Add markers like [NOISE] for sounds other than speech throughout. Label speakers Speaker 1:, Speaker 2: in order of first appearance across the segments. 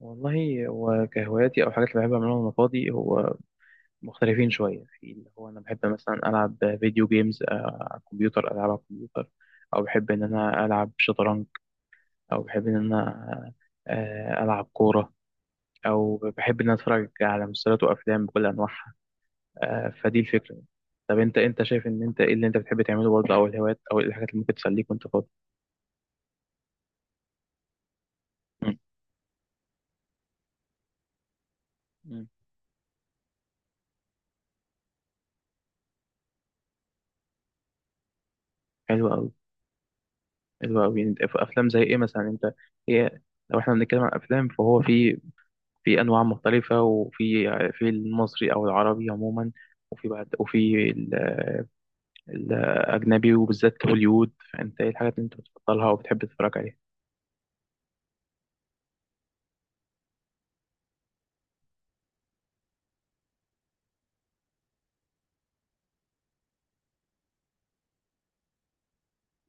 Speaker 1: والله هو كهواياتي او حاجات اللي بحب اعملها وانا فاضي. هو مختلفين شويه في اللي هو انا بحب مثلا العب فيديو جيمز، على الكمبيوتر، العب على الكمبيوتر، او بحب ان انا العب شطرنج، او بحب ان انا العب كوره، او بحب ان انا اتفرج على مسلسلات وافلام بكل انواعها. فدي الفكره. طب انت شايف ان انت ايه اللي انت بتحب تعمله برضه؟ او الهوايات، او إيه الحاجات اللي ممكن تسليك وانت فاضي؟ مم. مم. حلو قوي. حلو قوي. انت في افلام زي ايه مثلا انت؟ هي لو احنا بنتكلم عن افلام فهو في، في انواع مختلفه، وفي، في المصري او العربي عموما، وفي بعد وفي الاجنبي وبالذات هوليوود، فانت ايه الحاجات اللي انت بتفضلها وبتحب تتفرج عليها؟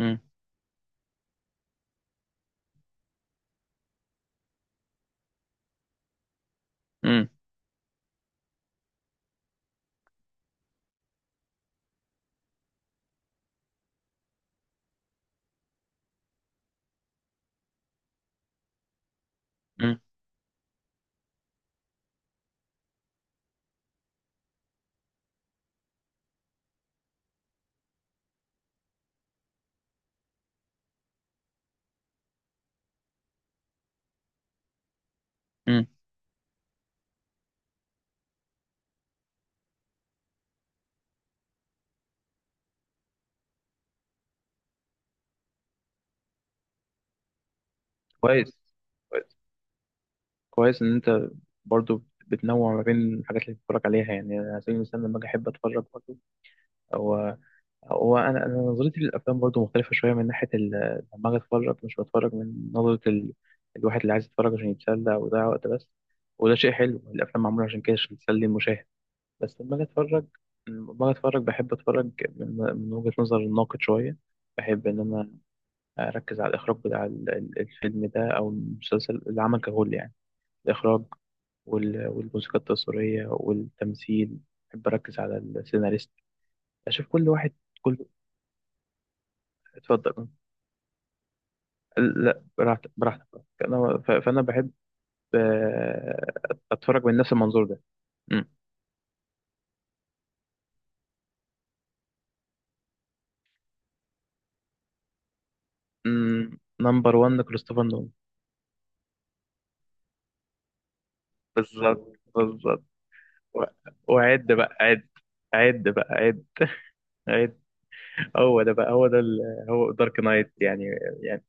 Speaker 1: امم. امم. امم. أمم. كويس. كويس. كويس ان انت برضو بتنوع ما بين الحاجات اللي بتتفرج عليها. يعني أنا على سبيل المثال لما اجي احب اتفرج برضو. هو انا نظرتي للافلام برضو مختلفه شويه من ناحيه لما اجي اتفرج مش بتفرج من نظره الواحد اللي عايز يتفرج عشان يتسلى ويضيع وقت بس، وده شيء حلو، الافلام معموله عشان كده، عشان تسلي المشاهد. بس لما اجي اتفرج لما اجي اتفرج بحب اتفرج من، من وجهه نظر الناقد شويه. بحب ان انا اركز على الاخراج بتاع الفيلم ده او المسلسل، العمل ككل يعني. الاخراج والموسيقى التصويريه والتمثيل، بحب اركز على السيناريست، اشوف كل واحد، كل، اتفضل. لا، براحتك، براحتك. فانا بحب آه، اتفرج من نفس المنظور ده. نمبر 1 كريستوفر نولان. بالظبط، بالظبط. و- وعد بقى عد، عد بقى عد [LAUGHS] عد. هو ده بقى، هو ده هو دارك نايت يعني. يعني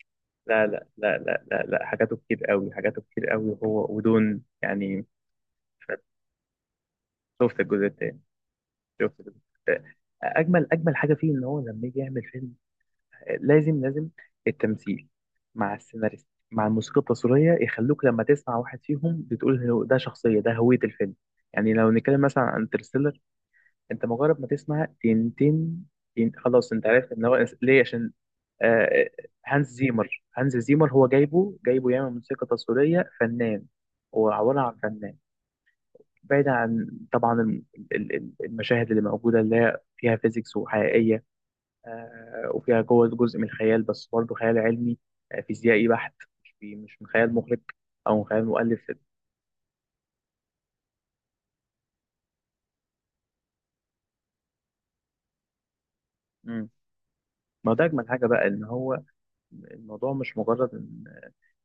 Speaker 1: لا لا لا لا لا لا، حاجاته كتير قوي، حاجاته كتير قوي، هو ودون يعني. شفت الجزء التاني؟ شفت الجزء التاني. اجمل، اجمل حاجه فيه ان هو لما يجي يعمل فيلم، لازم، لازم التمثيل مع السيناريست مع الموسيقى التصويرية، يخلوك لما تسمع واحد فيهم بتقول هو ده، شخصية ده، هوية الفيلم يعني. لو نتكلم مثلا عن انترستيلر، انت مجرد ما تسمع تين تين تين، خلاص انت عارف ان هو ليه، عشان. آه، هانز زيمر، هانز زيمر هو جايبه، جايبه يعمل موسيقى تصويرية، فنان. هو عبارة عن فنان، بعيد عن طبعا المشاهد اللي موجودة اللي هي فيها فيزيكس وحقيقية. وفيها جوه جزء من الخيال، بس برضه خيال علمي، فيزيائي بحت، مش من خيال مخرج او من خيال مؤلف. مم. ما ده اجمل حاجه بقى، ان هو الموضوع مش مجرد ان،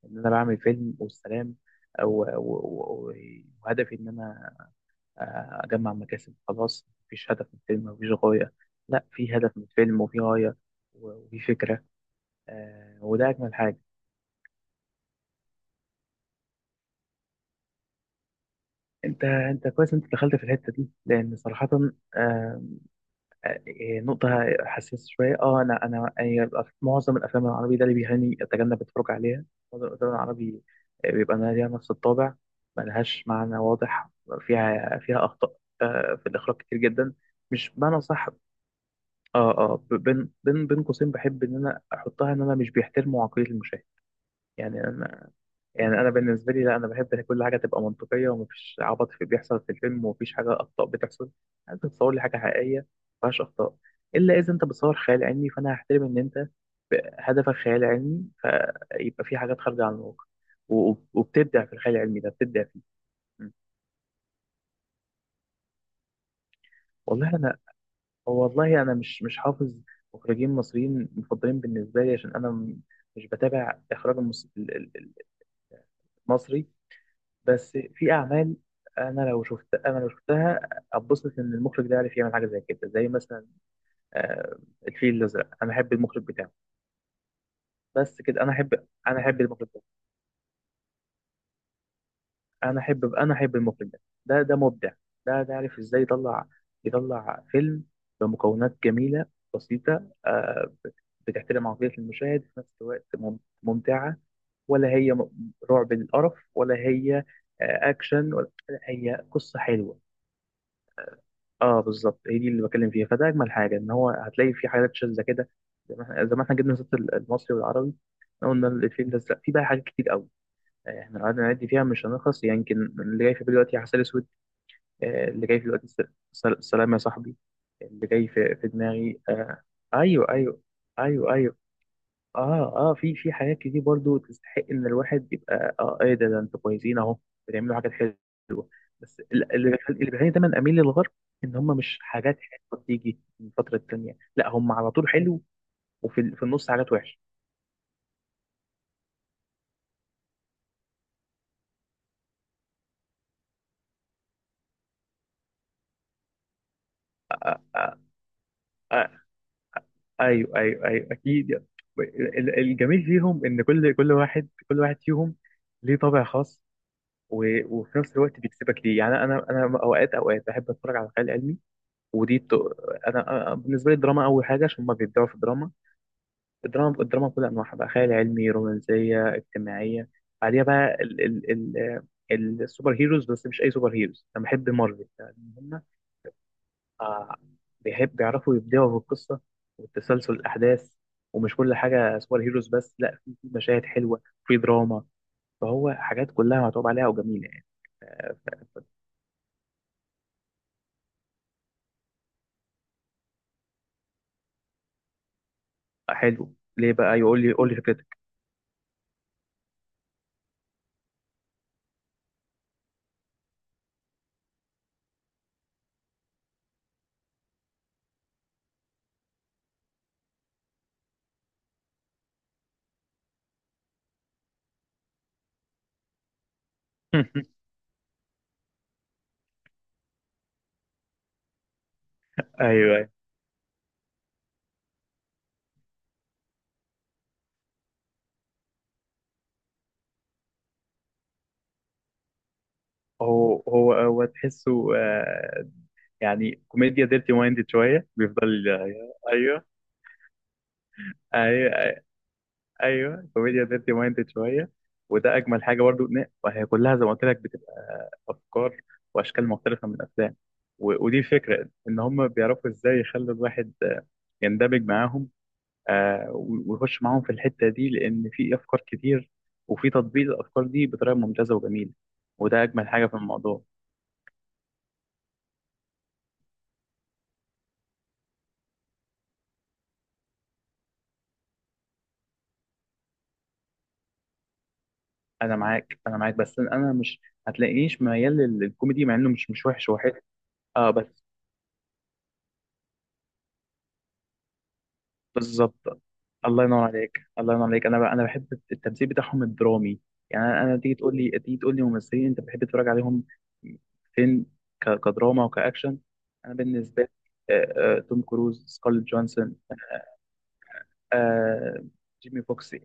Speaker 1: ان انا بعمل فيلم والسلام، او وهدفي ان انا اجمع مكاسب، خلاص مفيش هدف من الفيلم، مفيش غايه. لا، في هدف من الفيلم، وفي غايه، وفي فكره، وده اجمل حاجه. انت كويس، انت دخلت في الحته دي، لان صراحه آه، إيه، نقطة حساسة شوية. اه انا هي معظم الافلام العربي ده اللي بيهاني اتجنب اتفرج عليها. معظم الافلام العربي بيبقى أنا ليها نفس الطابع، ملهاش معنى واضح، فيها، فيها اخطاء في الاخراج كتير جدا. مش بمعنى صح، اه اه، بين بين قوسين بحب ان انا احطها، ان انا مش بيحترموا عقلية المشاهد يعني. يعني انا بالنسبه لي لا، انا بحب إن كل حاجه تبقى منطقيه، ومفيش عبط في بيحصل في الفيلم، ومفيش حاجه اخطاء بتحصل. انت تصور لي حاجه حقيقيه مفيهاش اخطاء. الا اذا انت بتصور خيال علمي، فانا هحترم ان انت هدفك خيال علمي، فيبقى في حاجات خارجه عن الواقع، وبتبدع في الخيال العلمي ده، بتبدع فيه. م. والله انا، والله انا مش، مش حافظ مخرجين مصريين مفضلين بالنسبه لي، عشان انا مش بتابع اخراج المصري. بس في اعمال، انا لو شفت، انا لو شفتها اتبسط ان المخرج ده عارف يعمل حاجه زي كده، زي مثلا آه، الفيل الازرق، انا احب المخرج بتاعه. بس كده، انا احب، انا احب المخرج ده، انا احب، انا احب المخرج ده. ده، ده مبدع، ده، ده عارف ازاي يطلع، يطلع فيلم بمكونات جميله، بسيطه، بتحترم عقليه المشاهد، في نفس الوقت مم- ممتعه، ولا هي رعب للقرف، ولا هي اكشن، ولا هي قصه حلوه. اه بالظبط، هي دي اللي بتكلم فيها. فده اجمل حاجه، ان هو هتلاقي في حاجات شاذه كده، زي ما احنا، زي ما احنا جبنا سيره المصري والعربي. إحنا قلنا الفيلم ده، لا، في بقى حاجات كتير قوي يعني، احنا لو قعدنا نعد فيها مش هنخلص يعني. يمكن اللي جاي في بالي دلوقتي عسل اسود، اللي جاي في دلوقتي سلام يا صاحبي، اللي جاي في، في دماغي ايوه ايوه ايوه ايوه. اه اه، في، في حاجات كتير برضو تستحق ان الواحد يبقى اه ايه ده، ده انتوا كويسين اهو، بتعملوا حاجات حلوه. بس اللي بيخليني دايما اميل للغرب، ان هم مش حاجات حلوه بتيجي من فتره التانيه، لا هم على طول حلو. وفي في النص حاجات وحشه. آه آه، ايوه ايوه ايوه، اكيد يعني. الجميل فيهم ان كل واحد فيهم ليه طابع خاص، وفي نفس الوقت بيكسبك ليه. يعني انا، انا اوقات، اوقات بحب اتفرج على الخيال العلمي ودي ت... انا، بالنسبه لي الدراما اول حاجه، عشان هما بيبدعوا في الدراما. الدراما، الدراما بكل انواعها بقى، خيال علمي، رومانسيه، اجتماعيه. بعديها بقى السوبر هيروز، بس مش اي سوبر هيروز. انا بحب مارفل، لان هم آه، بيحب بيعرفوا يبدعوا في القصه والتسلسل الاحداث، ومش كل حاجه سوبر هيروز بس، لا في، في مشاهد حلوه في دراما. فهو حاجات كلها متعوب عليها وجميله يعني. آه، حلو، ليه بقى؟ يقول لي، قول لي فكرتك. [LAUGHS] ايوه. هو تحسه يعني كوميديا ديرتي مايندد شويه، بيفضل ايوه ايوه ايوه، كوميديا ديرتي مايندد شويه، وده اجمل حاجه برضو. وهي كلها زي ما قلت لك بتبقى افكار واشكال مختلفه من الافلام، ودي الفكره، ان هم بيعرفوا ازاي يخلوا الواحد يندمج معاهم، ويخش معاهم في الحته دي، لان في افكار كتير، وفي تطبيق الافكار دي بطريقه ممتازه وجميله، وده اجمل حاجه في الموضوع. انا معاك، انا معاك، بس انا مش هتلاقينيش ميال للكوميدي، مع انه مش، مش وحش، هو حلو. اه بس بالظبط. الله ينور عليك، الله ينور عليك. انا بقى انا بحب التمثيل بتاعهم الدرامي يعني. انا تيجي تقول لي، تيجي تقول لي ممثلين انت بتحب تتفرج عليهم فين؟ كدراما وكاكشن، انا بالنسبه لي توم كروز، سكارليت جونسون، آه، جيمي فوكس،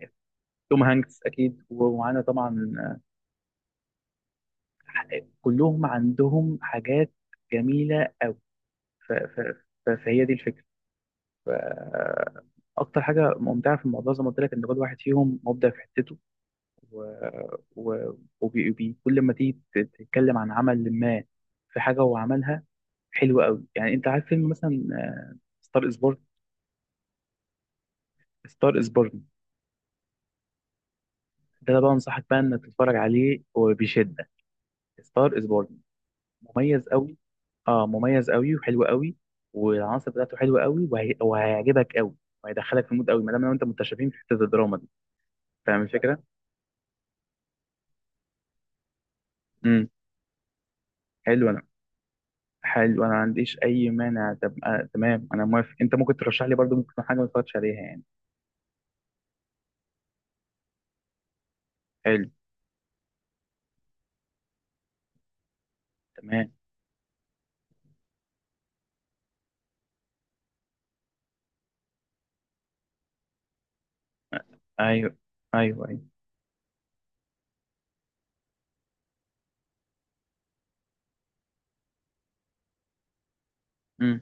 Speaker 1: توم هانكس اكيد، ومعانا طبعا كلهم عندهم حاجات جميله قوي. فهي دي الفكره. ف- اكتر حاجه ممتعه في الموضوع، زي ما قلت لك، ان كل واحد فيهم مبدع في حتته. و... و... كل ما تيجي تتكلم عن عمل ما، في حاجه هو عملها حلوه قوي. يعني انت عارف فيلم مثلا ستار از بورن؟ ستار از بورن، ده أنا بقى انصحك بقى انك تتفرج عليه وبشده. ستار از بورن، مميز قوي. اه مميز قوي وحلو قوي، والعناصر بتاعته حلوه قوي، وهيعجبك قوي، وهيدخلك في المود قوي، ما دام لو انت متشابهين في حته الدراما دي. فاهم الفكره؟ امم. حلو. حلو، انا ما عنديش اي مانع. طب آه تمام، انا موافق. انت ممكن ترشح لي برضو، ممكن تكون حاجه ما اتفرجتش عليها يعني. حلو. تمام. آه، ايوه ايوه ايوه. امم.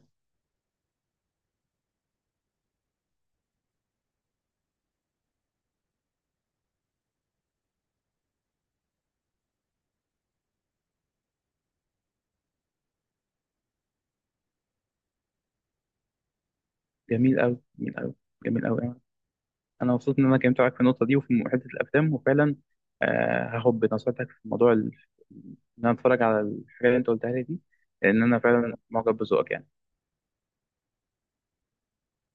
Speaker 1: جميل قوي، جميل قوي، جميل قوي. انا مبسوط ان انا اتكلمت معاك في النقطه دي وفي حته الافلام، وفعلا آه هاخد بنصيحتك في موضوع ان انا اتفرج على الحاجات اللي انت قلتها لي دي، لان انا فعلا معجب بذوقك يعني.